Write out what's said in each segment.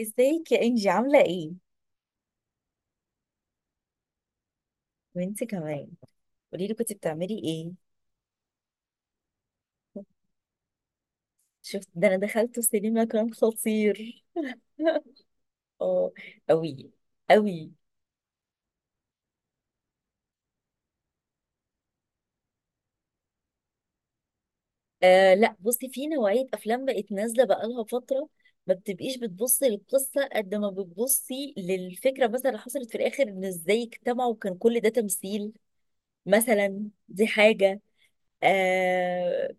ازيك يا انجي؟ عامله ايه؟ وانت كمان. قولي لي، كنت بتعملي ايه؟ شفت ده؟ انا دخلت سينما، كان خطير. اه، قوي قوي. آه لا، بصي، في نوعيه افلام بقت نازله بقالها فتره، ما بتبقيش بتبصي للقصه قد ما بتبصي للفكره. مثلا اللي حصلت في الاخر ان ازاي اجتمعوا وكان كل ده تمثيل، مثلا دي حاجه. آه.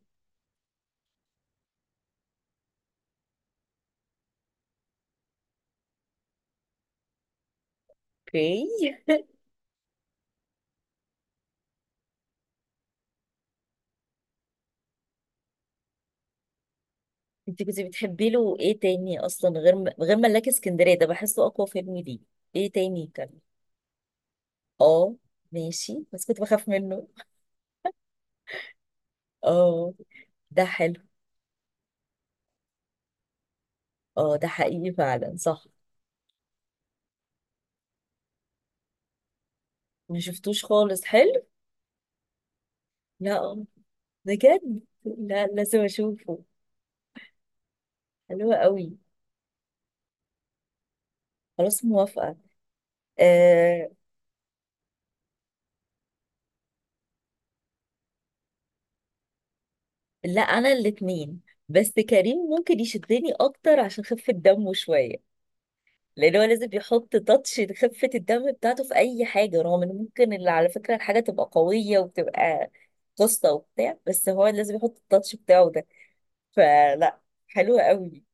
اوكي. انت كنت بتحبي له ايه تاني اصلا غير غير ملاك اسكندريه؟ ده بحسه اقوى فيلم ليه. ايه تاني كان؟ اه ماشي، بس كنت بخاف منه. اه ده حلو. اه ده حقيقي فعلا، صح. ما شفتوش خالص، حلو؟ لا، بجد، لا، لازم اشوفه. حلو قوي. خلاص، موافقه. آه... لا انا الاتنين، بس كريم ممكن يشدني اكتر عشان خفة دمه شويه. لان هو لازم يحط تاتش لخفه الدم بتاعته في اي حاجه، رغم ان ممكن اللي على فكره الحاجه تبقى قويه وبتبقى قصه وبتاع، بس هو لازم يحط التاتش بتاعه ده. فلا، حلوه قوي.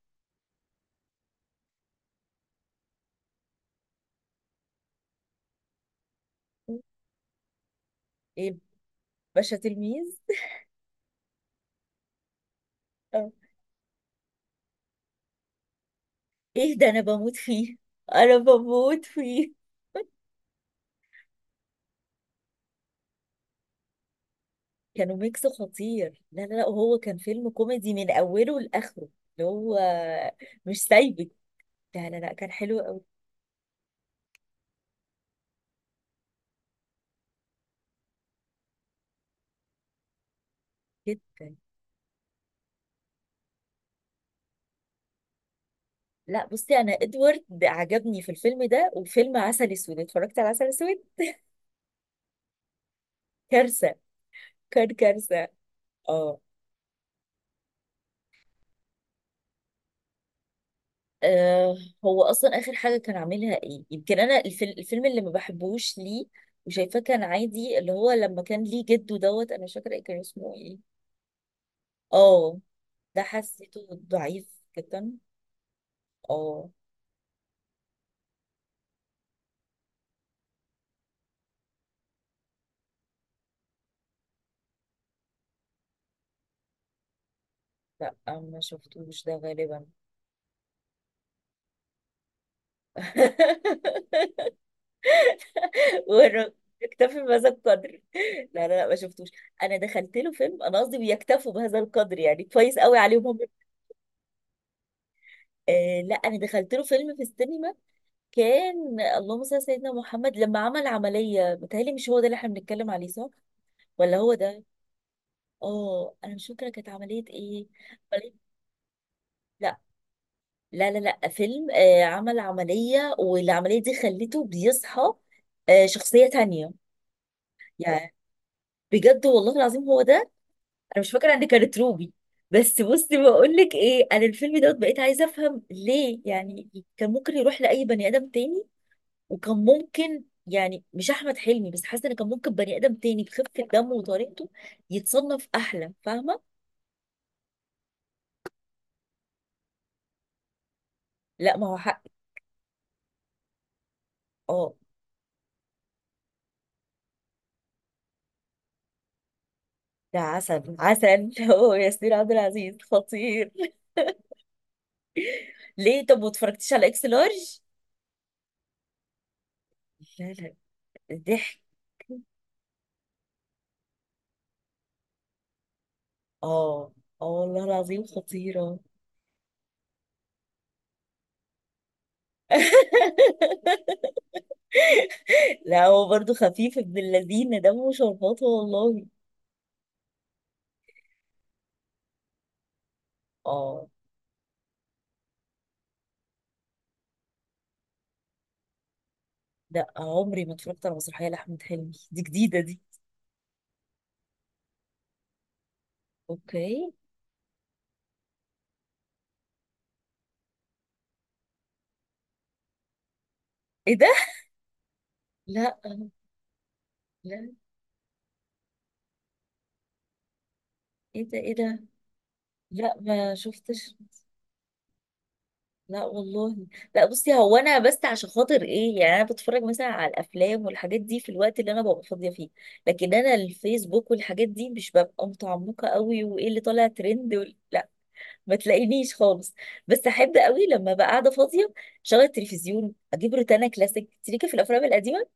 ايه؟ باشا تلميذ. آه. ايه ده؟ انا بموت فيه، انا بموت فيه. كانوا ميكس خطير. لا لا لا، وهو كان فيلم كوميدي من اوله لاخره. اللي هو مش سايبك. لا لا لا، كان حلو قوي، جدا. لا بصي، انا ادوارد عجبني في الفيلم ده، وفيلم عسل اسود، اتفرجت على عسل اسود؟ كارثه، كان كارثه. اه. آه، هو اصلا اخر حاجه كان عاملها ايه؟ يمكن انا الفيلم، الفيلم اللي ما بحبوش ليه، وشايفاه كان عادي، اللي هو لما كان ليه جده دوت، انا مش فاكره إيه كان اسمه ايه. اه، ده حسيته ضعيف جدا. اه، لا ما شفتوش ده غالبا. ور- اكتفي بهذا القدر. لا لا لا، ما شفتوش. انا دخلت له فيلم، انا قصدي بيكتفوا بهذا القدر، يعني كويس قوي عليهم هم. آه لا، انا دخلت له فيلم في السينما، كان اللهم صل على سيدنا محمد، لما عمل عمليه، متهيألي مش هو ده اللي احنا بنتكلم عليه، صح؟ ولا هو ده؟ اه انا مش فاكره كانت عمليه ايه. عملية- لا، لا فيلم آه عمل عمليه، والعمليه دي خلته بيصحى آه شخصيه تانية يعني. بجد والله العظيم هو ده. انا مش فاكره ان كانت روبي. بس بصي بقول لك ايه، انا الفيلم دوت بقيت عايزه افهم ليه يعني. كان ممكن يروح لاي بني ادم تاني، وكان ممكن يعني مش احمد حلمي بس، حاسه ان كان ممكن بني ادم تاني بخفه دمه وطريقته يتصنف احلى، فاهمه؟ لا ما هو حق. اه ده عسل، عسل. هو ياسمين عبد العزيز خطير. ليه؟ طب ما اتفرجتيش على اكس لارج؟ لا لا، ضحك. اه، اه والله العظيم خطيره. لا هو برضه خفيف ابن اللذين، دمه شربات والله. اه. لا عمري ما اتفرجت على مسرحية لأحمد حلمي، دي جديدة دي. اوكي. ايه ده؟ لا لا، ايه ده ايه ده؟ لا ما شفتش. لا والله. لا بصي، هو انا بس عشان خاطر ايه، يعني انا بتفرج مثلا على الافلام والحاجات دي في الوقت اللي انا ببقى فاضيه فيه. لكن انا الفيسبوك والحاجات دي مش ببقى متعمقه قوي، وايه اللي طالع ترند لا، ما تلاقينيش خالص. بس احب قوي لما بقى قاعده فاضيه، شغل التلفزيون، اجيب روتانا كلاسيك، تريكه في الافلام القديمه.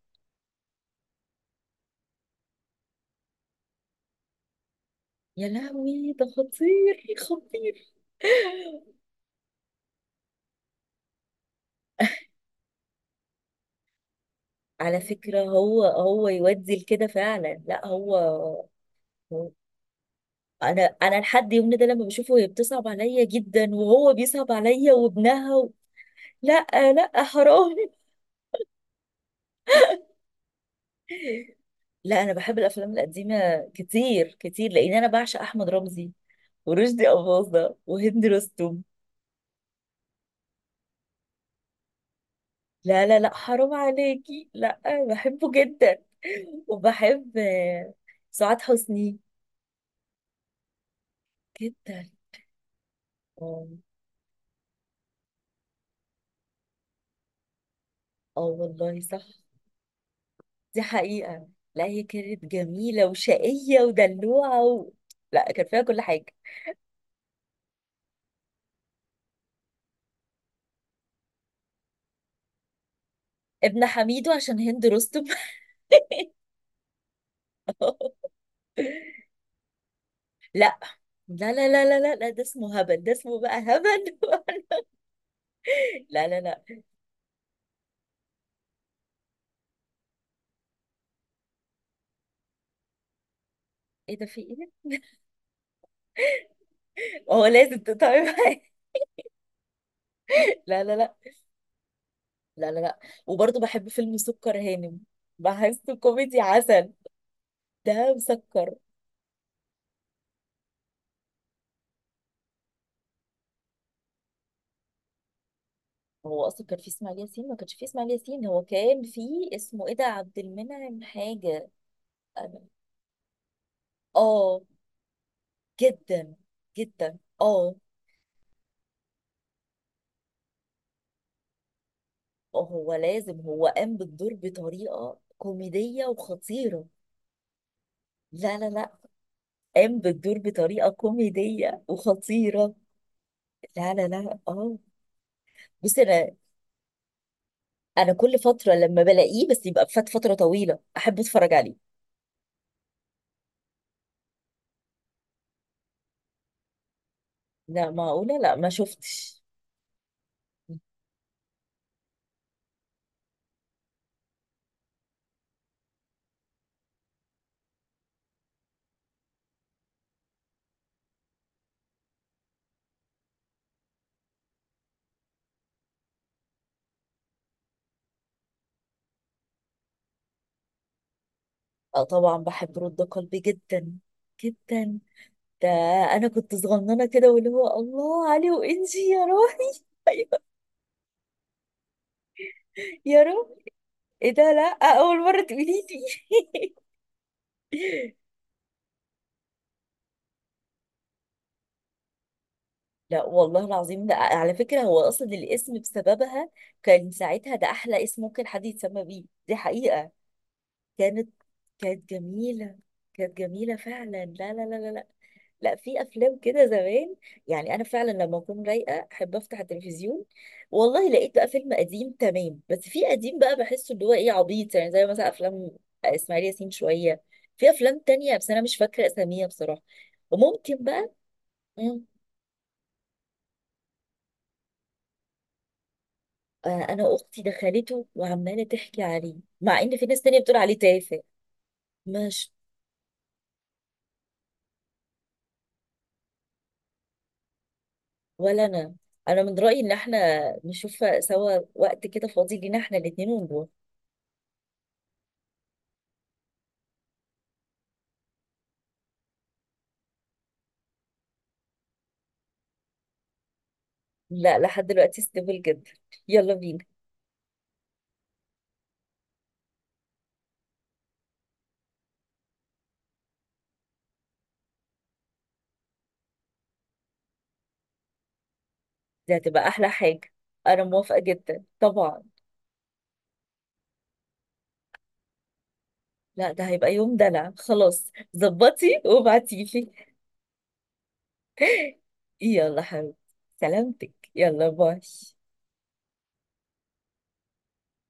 يا لهوي ده خطير خطير. على فكره هو يودي لكده فعلا، لا هو. هو- انا لحد يومنا ده لما بشوفه، هي بتصعب عليا جدا، وهو بيصعب عليا، وابنها لا، لا حرام. لا انا بحب الافلام القديمه كتير كتير، لان انا بعشق احمد رمزي، ورشدي اباظه، وهند رستم. لا لا لا، حرام عليكي، لا. بحبه جدا. وبحب سعاد حسني جدا. اه، اه والله صح، دي حقيقة. لا هي كانت جميلة وشقية ودلوعة لا كان فيها كل حاجة. ابن حميدو، عشان هند رستم. لا لا ده اسمه هبل، ده اسمه بقى هبل. لا لا لا. ايه ده؟ في ايه؟ هو لازم تتعب. لا لا لا لا لا لا. وبرضه بحب فيلم سكر هانم، بحسه كوميدي عسل. ده مسكر. هو اصلا كان فيه اسماعيل ياسين؟ ما كانش فيه اسماعيل ياسين، هو كان فيه اسمه ايه ده، عبد المنعم حاجه. أنا- اه، جدا جدا. اه هو لازم، هو قام بالدور بطريقه كوميديه وخطيره. لا لا لا، قام بالدور بطريقه كوميديه وخطيره. لا لا لا اه. بصي انا، كل فتره لما بلاقيه بس يبقى فات فتره طويله، احب اتفرج عليه. لا معقولة؟ لا ما شفتش. اه طبعا بحب رد قلبي جدا، جدا. ده انا كنت صغننه كده، واللي هو الله علي وانجي يا روحي. ايوه، يا روحي. ايه ده؟ لا اول مره تقولي لي. لا والله العظيم، ده على فكره هو اصلا الاسم بسببها. كان ساعتها ده احلى اسم ممكن حد يتسمى بيه، دي حقيقه. كانت، كانت جميلة، كانت جميلة فعلا. لا، لا في أفلام كده زمان، يعني أنا فعلا لما أكون رايقة أحب أفتح التلفزيون، والله لقيت بقى فيلم قديم تمام. بس في قديم بقى بحسه اللي هو إيه، عبيط، يعني زي مثلا أفلام إسماعيل ياسين شوية. في أفلام تانية بس أنا مش فاكرة أساميها بصراحة. وممكن بقى مم، أنا أختي دخلته وعمالة تحكي عليه، مع إن في ناس تانية بتقول عليه تافه. مش ولا انا. انا من رايي ان احنا نشوف سوا وقت كده فاضي لينا احنا الاتنين ونروح. لا لحد دلوقتي ستيبل جدا، يلا بينا. دي هتبقى احلى حاجه. انا موافقه جدا طبعا. لا ده هيبقى يوم دلع، خلاص ظبطي وابعتيلي. يلا حبيبي، سلامتك، يلا باي.